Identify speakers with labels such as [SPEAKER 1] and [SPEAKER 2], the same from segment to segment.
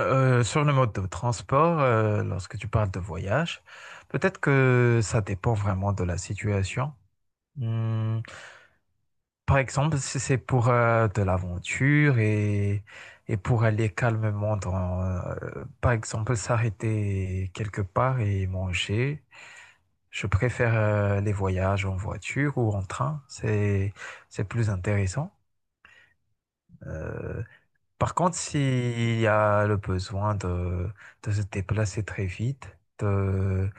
[SPEAKER 1] Sur le mode de transport, lorsque tu parles de voyage, peut-être que ça dépend vraiment de la situation. Hmm. Par exemple, si c'est pour de l'aventure et pour aller calmement par exemple, s'arrêter quelque part et manger, je préfère les voyages en voiture ou en train. C'est plus intéressant. Euh, Par contre, s'il y a le de se déplacer très vite, de,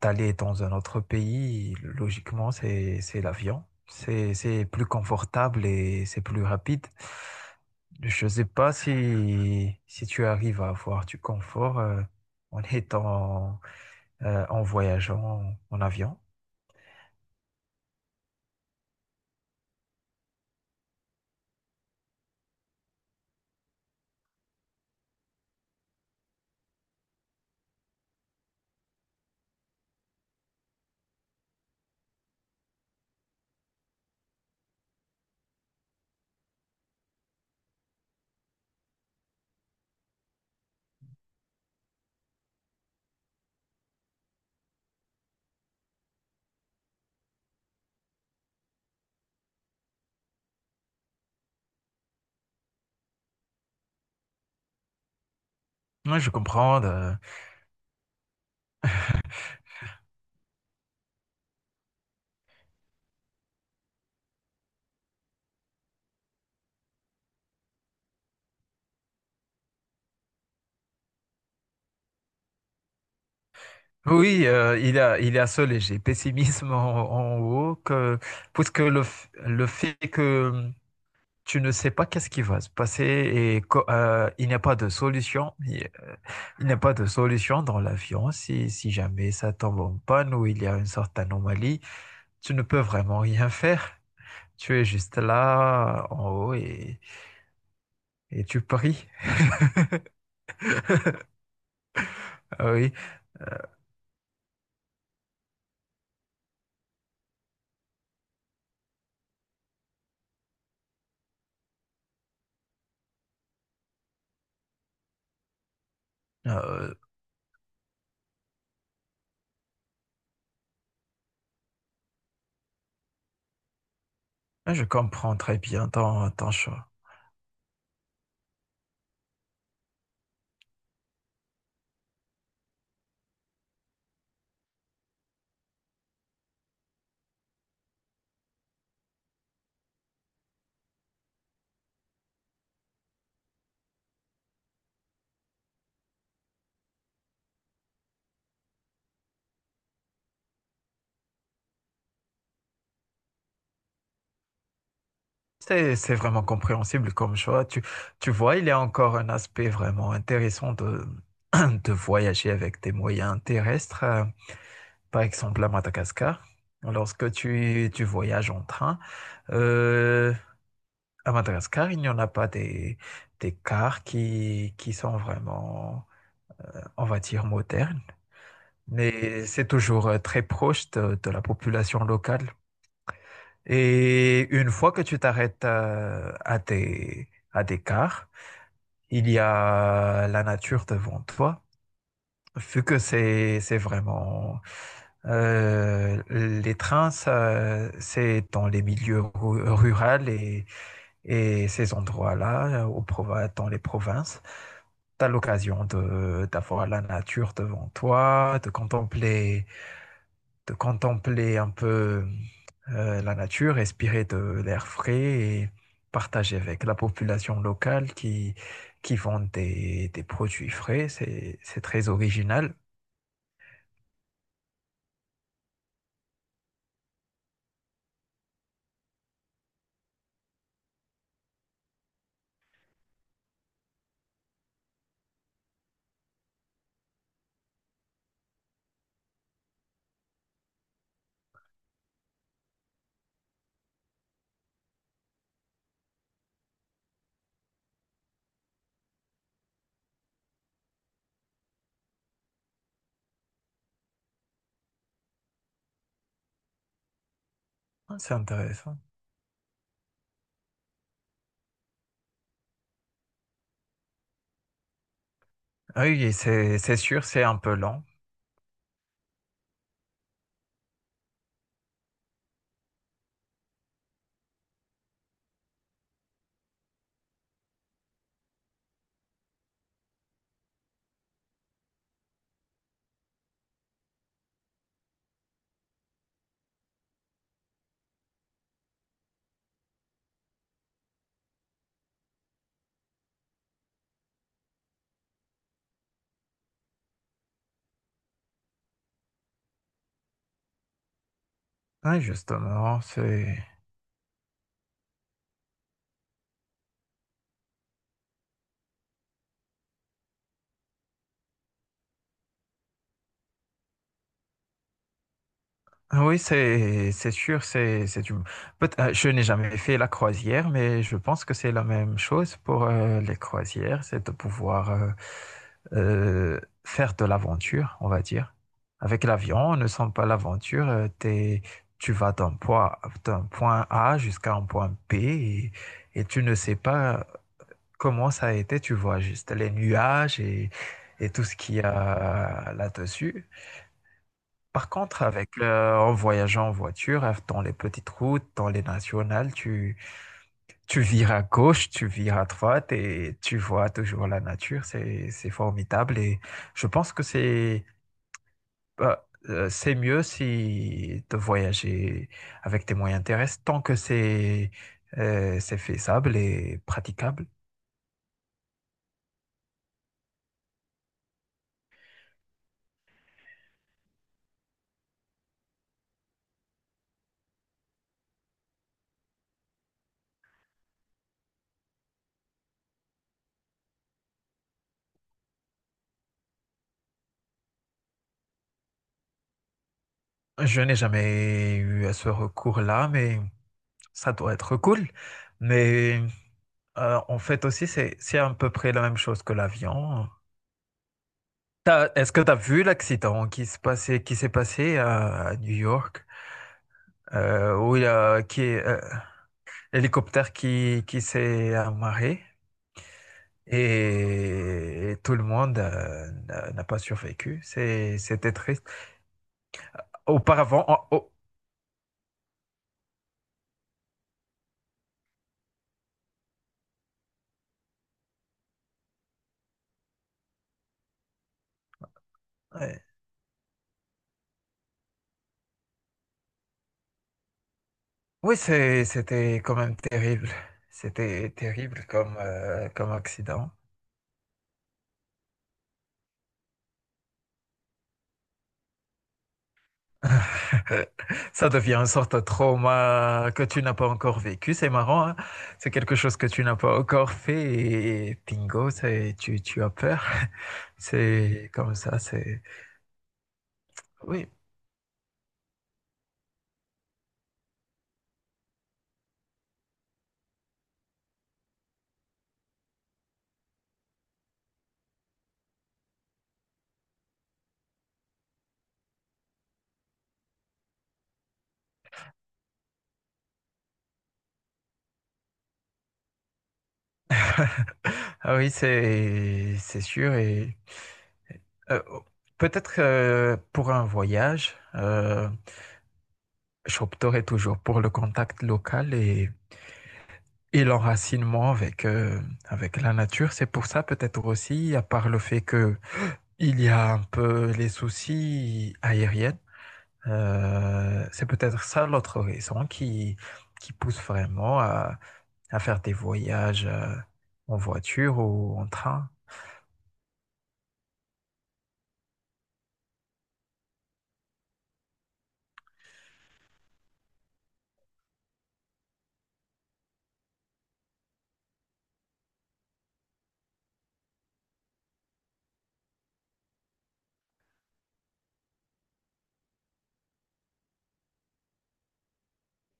[SPEAKER 1] d'aller dans un autre pays, logiquement, c'est l'avion. C'est plus confortable et c'est plus rapide. Je ne sais pas si tu arrives à avoir du confort en en voyageant en avion. Moi, je comprends. Oui, il y il y a ce léger pessimisme en haut puisque le fait que tu ne sais pas qu'est-ce qui va se passer et il n'y a pas de solution. Il n'y a pas de solution dans l'avion si jamais ça tombe en panne ou il y a une sorte d'anomalie. Tu ne peux vraiment rien faire. Tu es juste là en haut et tu pries. Ah oui. Euh, je comprends très bien ton choix. C'est vraiment compréhensible comme choix. Tu vois, il y a encore un aspect vraiment intéressant de, de voyager avec des moyens terrestres. Par exemple, à Madagascar, lorsque tu voyages en train, euh, à Madagascar, il n'y en a pas des cars qui sont vraiment, on va dire, modernes, mais c'est toujours très proche de la population locale. Et une fois que tu t'arrêtes à des cars, il y a la nature devant toi. Vu que c'est vraiment les trains, ça, c'est dans les milieux ruraux et ces endroits-là, aux prov dans les provinces, tu as l'occasion de d'avoir la nature devant toi, de contempler un peu la nature, respirer de l'air frais et partager avec la population locale qui vend des produits frais. C'est très original, c'est intéressant. Ah oui, c'est sûr, c'est un peu lent. Oui, justement, c'est... Ah oui, c'est sûr, c'est je n'ai jamais fait la croisière, mais je pense que c'est la même chose pour les croisières, c'est de pouvoir faire de l'aventure, on va dire. Avec l'avion, on ne sent pas l'aventure, tu vas d'un point A jusqu'à un point B et tu ne sais pas comment ça a été, tu vois juste les nuages et tout ce qu'il y a là-dessus. Par contre, en voyageant en voiture, dans les petites routes, dans les nationales, tu vires à gauche, tu vires à droite et tu vois toujours la nature. C'est formidable et je pense que c'est mieux si de voyager avec des moyens terrestres tant que c'est faisable et praticable. Je n'ai jamais eu à ce recours-là, mais ça doit être cool. Mais en fait aussi, c'est à peu près la même chose que l'avion. Est-ce que tu as vu l'accident qui se passait, qui s'est passé à New York, où il y a qui, l'hélicoptère qui s'est amarré et tout le monde n'a pas survécu. C'était triste. Auparavant, oh, oh, ouais. Oui, c'était quand même terrible. C'était terrible comme, comme accident. Ça devient une sorte de trauma que tu n'as pas encore vécu. C'est marrant, hein. C'est quelque chose que tu n'as pas encore fait et bingo, tu as peur. C'est comme ça, c'est... Oui, ah oui, c'est sûr. Et euh, peut-être pour un voyage, j'opterai toujours pour le contact local et l'enracinement avec la nature. C'est pour ça peut-être aussi, à part le fait que il y a un peu les soucis aériens. C'est peut-être ça l'autre raison qui pousse vraiment à faire des voyages en voiture ou en train.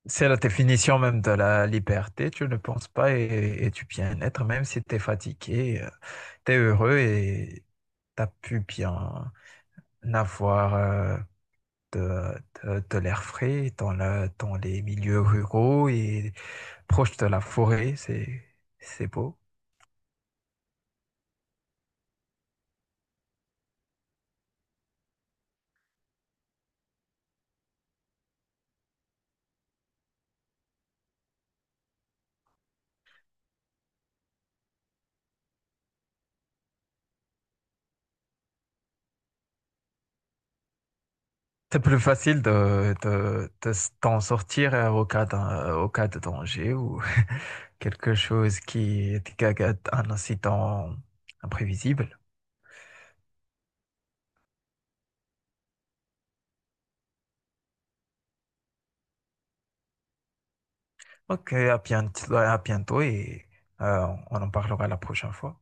[SPEAKER 1] C'est la définition même de la liberté, tu ne penses pas et du bien-être, même si tu es fatigué, tu es heureux et tu as pu bien avoir de, de l'air frais dans les milieux ruraux et proche de la forêt, c'est beau. C'est plus facile de d'en sortir au cas de danger ou quelque chose qui est un incident imprévisible. Ok, à bientôt et on en parlera la prochaine fois.